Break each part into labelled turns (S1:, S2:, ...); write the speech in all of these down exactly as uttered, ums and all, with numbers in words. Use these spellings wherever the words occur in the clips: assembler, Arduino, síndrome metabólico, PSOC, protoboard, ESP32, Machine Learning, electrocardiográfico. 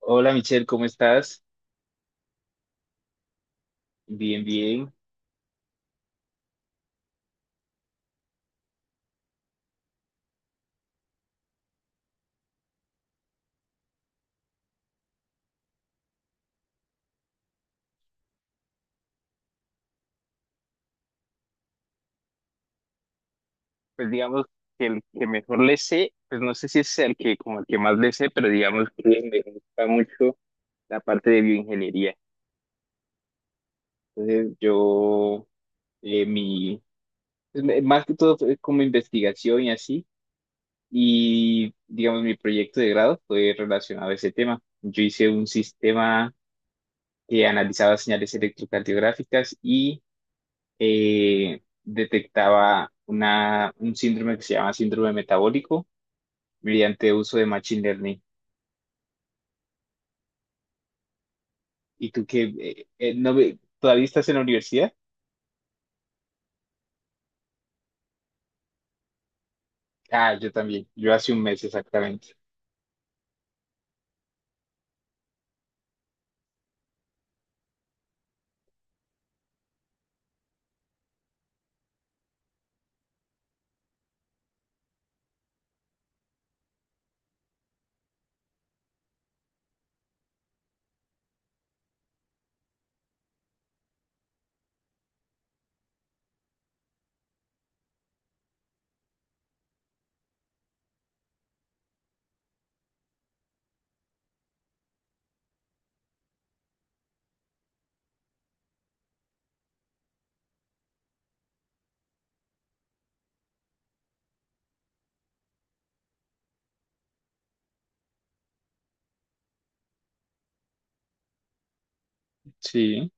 S1: Hola Michelle, ¿cómo estás? Bien, bien. Pues digamos que el que mejor le sé, pues no sé si es el que como el que más le sé, pero digamos que me gusta mucho la parte de bioingeniería. Entonces yo, eh, mi, pues, me- más que todo fue como investigación y así, y digamos mi proyecto de grado fue relacionado a ese tema. Yo hice un sistema que analizaba señales electrocardiográficas y eh, detectaba una, un síndrome que se llama síndrome metabólico mediante uso de Machine Learning. ¿Y tú qué? eh, eh, no, ve- ¿todavía estás en la universidad? Ah, yo también, yo hace un mes exactamente. Sí,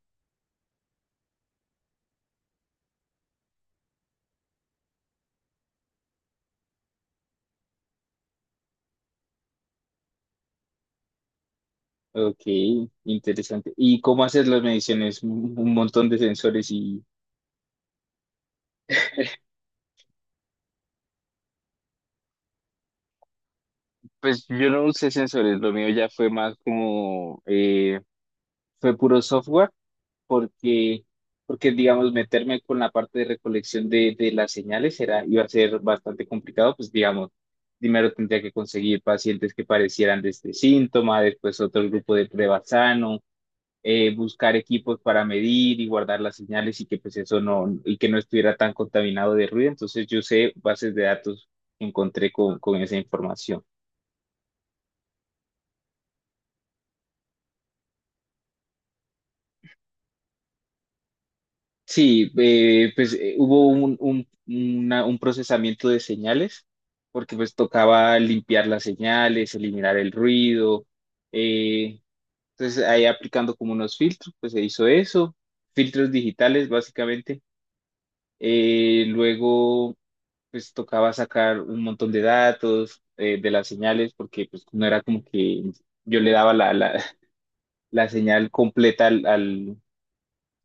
S1: ok, interesante. ¿Y cómo haces las mediciones? Un un montón de sensores y... Pues yo no usé sensores, lo mío ya fue más como... eh, fue puro software. porque, porque digamos, meterme con la parte de recolección de, de las señales era, iba a ser bastante complicado, pues digamos, primero tendría que conseguir pacientes que parecieran de este síntoma, después otro grupo de prueba sano, eh, buscar equipos para medir y guardar las señales y que pues eso no, y que no estuviera tan contaminado de ruido. Entonces yo sé bases de datos que encontré con, con esa información. Sí, eh, pues eh, hubo un, un, una- un procesamiento de señales, porque pues tocaba limpiar las señales, eliminar el ruido. eh, entonces ahí aplicando como unos filtros, pues se hizo eso, filtros digitales básicamente. Eh, luego pues tocaba sacar un montón de datos eh, de las señales, porque pues no era como que yo le daba la, la, la señal completa al, al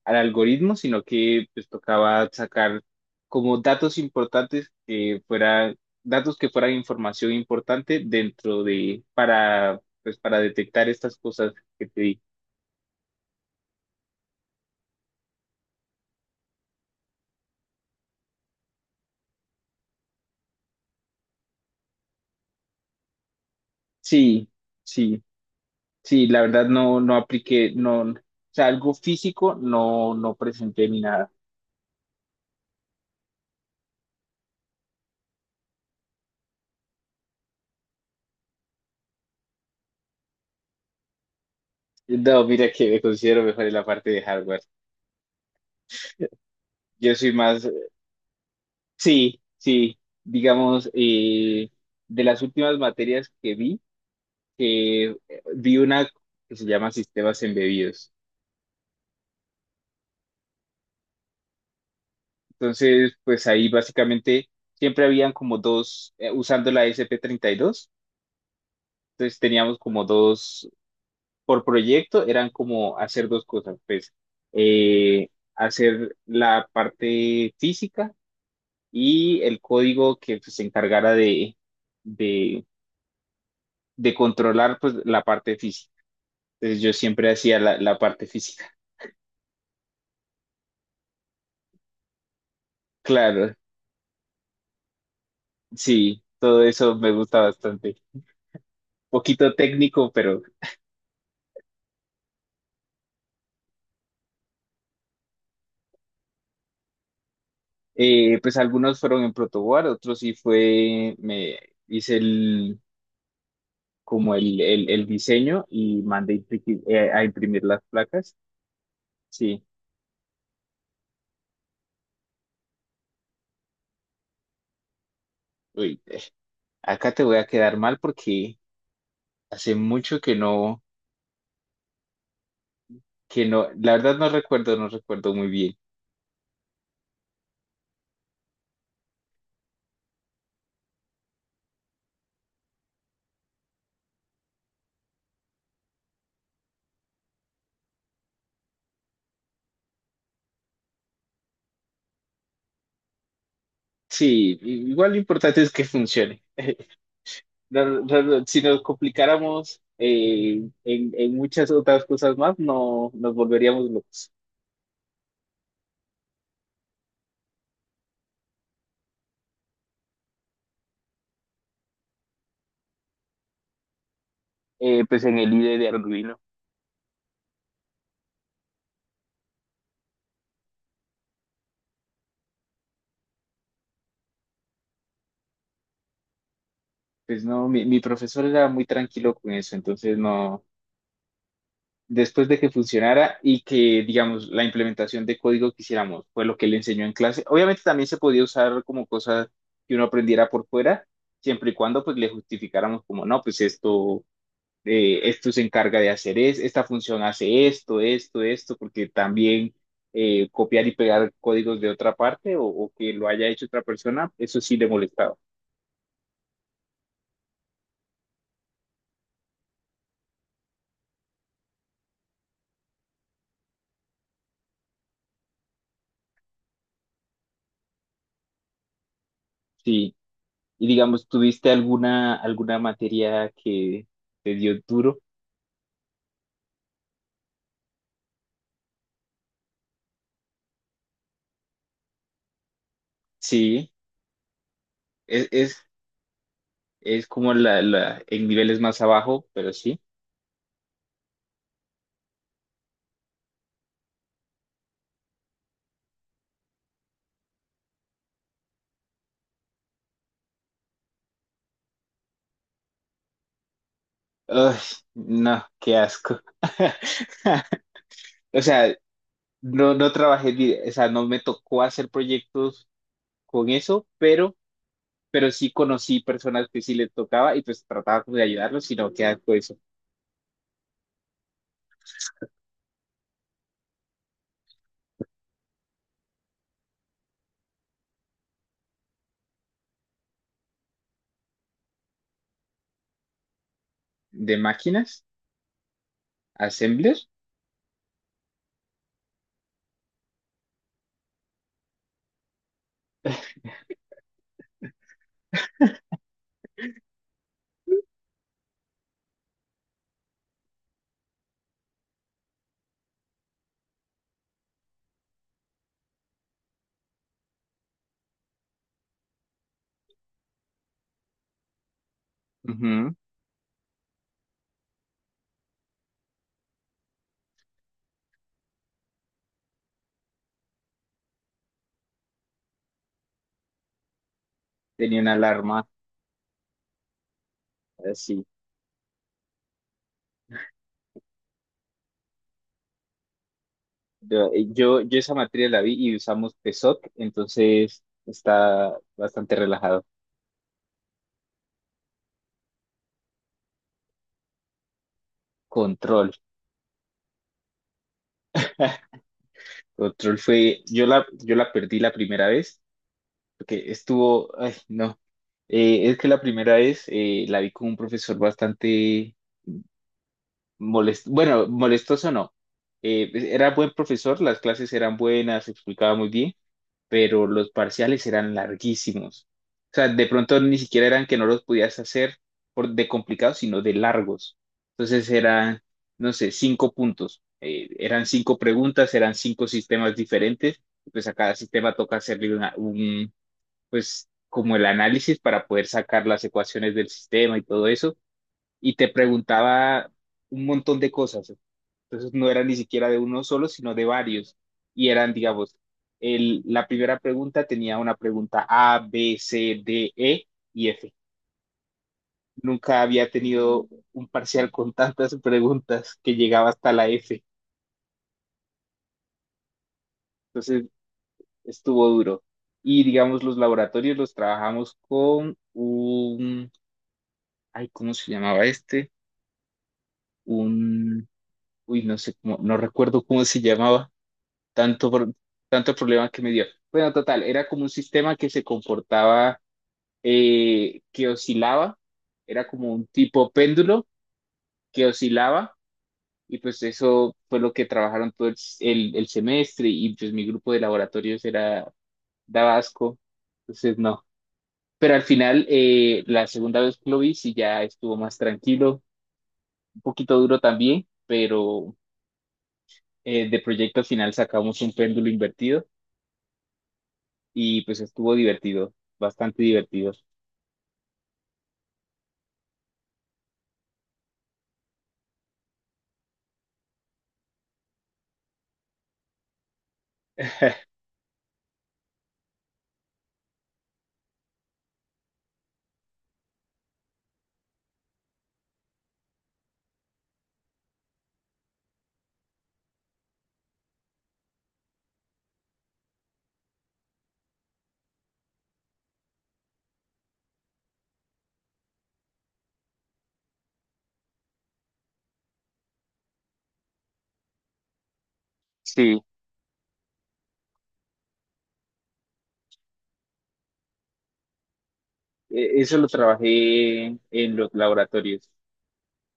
S1: al algoritmo, sino que pues tocaba sacar como datos importantes que fuera, datos que fueran información importante dentro de, para, pues para detectar estas cosas que te di. Sí, sí, sí, la verdad no, no apliqué, no, o sea, algo físico no, no presenté ni nada. No, mira que me considero mejor en la parte de hardware. Yo soy más, sí, sí, digamos, eh, de las últimas materias que vi, que eh, vi una que se llama Sistemas Embebidos. Entonces, pues ahí básicamente siempre habían como dos, eh, usando la S P treinta y dos, entonces teníamos como dos, por proyecto eran como hacer dos cosas, pues eh, hacer la parte física y el código que pues, se encargara de, de, de controlar pues la parte física. Entonces yo siempre hacía la, la parte física. Claro, sí, todo eso me gusta bastante. Poquito técnico, pero eh, pues algunos fueron en protoboard, otros sí fue, me hice el, como el, el, el diseño y mandé impri- eh, a imprimir las placas. Sí, uy, eh, acá te voy a quedar mal porque hace mucho que no, que no, la verdad no recuerdo, no recuerdo muy bien. Sí, igual lo importante es que funcione. No- no- no, si nos complicáramos eh, en, en muchas otras cosas más, no nos volveríamos locos. Eh, pues en el I D E de Arduino. Pues no, mi, mi profesor era muy tranquilo con eso, entonces no, después de que funcionara y que, digamos, la implementación de código que hiciéramos fue lo que le enseñó en clase. Obviamente también se podía usar como cosas que uno aprendiera por fuera, siempre y cuando pues le justificáramos como, no, pues esto, eh, esto se encarga de hacer es, esta función hace esto, esto, esto, porque también eh, copiar y pegar códigos de otra parte o, o que lo haya hecho otra persona, eso sí le molestaba. Sí. Y digamos, ¿tuviste alguna, alguna materia que te dio duro? Sí, es, es, es como la, la, en niveles más abajo, pero sí. Ay, no, qué asco. O sea, no, no trabajé, di- o sea, no me tocó hacer proyectos con eso, pero, pero sí conocí personas que sí les tocaba y pues trataba como de ayudarlos, sino que asco eso. De máquinas, assembler. Ujú. Tenía una alarma así. Yo, eh, yo yo esa materia la vi y usamos P SOC, entonces está bastante relajado. Control. Control fue, yo la, yo la perdí la primera vez, porque estuvo, ay, no. Eh, es que la primera vez eh, la vi con un profesor bastante, molest- bueno, molestoso no. Eh, pues, era buen profesor, las clases eran buenas, explicaba muy bien, pero los parciales eran larguísimos. O sea, de pronto ni siquiera eran que no los podías hacer por, de complicados, sino de largos. Entonces eran, no sé, cinco puntos. Eh, eran cinco preguntas, eran cinco sistemas diferentes. Y pues a cada sistema toca hacerle una- un, pues como el análisis para poder sacar las ecuaciones del sistema y todo eso y te preguntaba un montón de cosas. Entonces no era ni siquiera de uno solo, sino de varios. Y eran, digamos, el, la primera pregunta tenía una pregunta A, B, C, D, E y F. Nunca había tenido un parcial con tantas preguntas que llegaba hasta la F. Entonces estuvo duro. Y digamos, los laboratorios los trabajamos con un, ay, ¿cómo se llamaba este? Un, uy, no sé, cómo- no recuerdo cómo se llamaba tanto, pro- tanto problema que me dio. Bueno, total, era como un sistema que se comportaba, eh, que oscilaba, era como un tipo péndulo que oscilaba y pues eso fue lo que trabajaron todo el, s- el- el semestre y pues mi grupo de laboratorios era daba asco, entonces no. Pero al final, eh, la segunda vez que lo vi, sí ya estuvo más tranquilo, un poquito duro también, pero eh, de proyecto final sacamos un péndulo invertido. Y pues estuvo divertido, bastante divertido. Sí, E- eso lo trabajé en los laboratorios.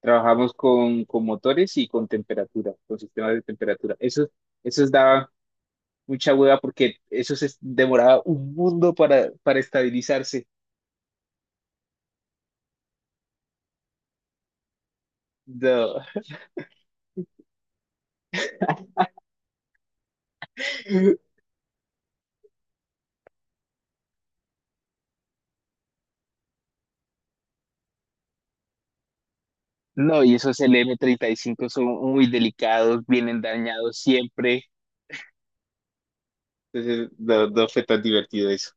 S1: Trabajamos con, con motores y con temperatura, con sistemas de temperatura. Eso, eso daba mucha hueva porque eso se demoraba un mundo para, para estabilizarse. No, no, y esos L m treinta y cinco son muy delicados, vienen dañados siempre. Entonces, no, no fue tan divertido eso.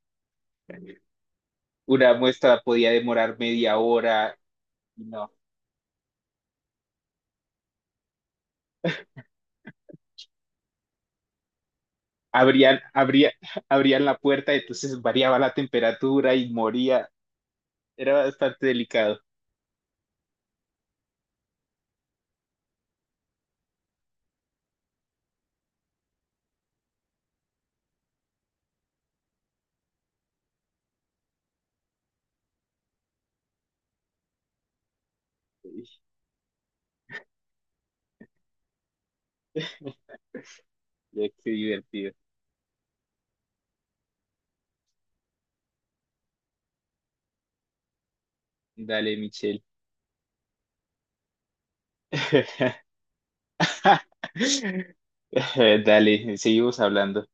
S1: Una muestra podía demorar media hora. No, abrían, abría- abrían la puerta, entonces variaba la temperatura y moría. Era bastante delicado. Uy, ya, qué divertido. Dale, Michelle. Dale, seguimos hablando.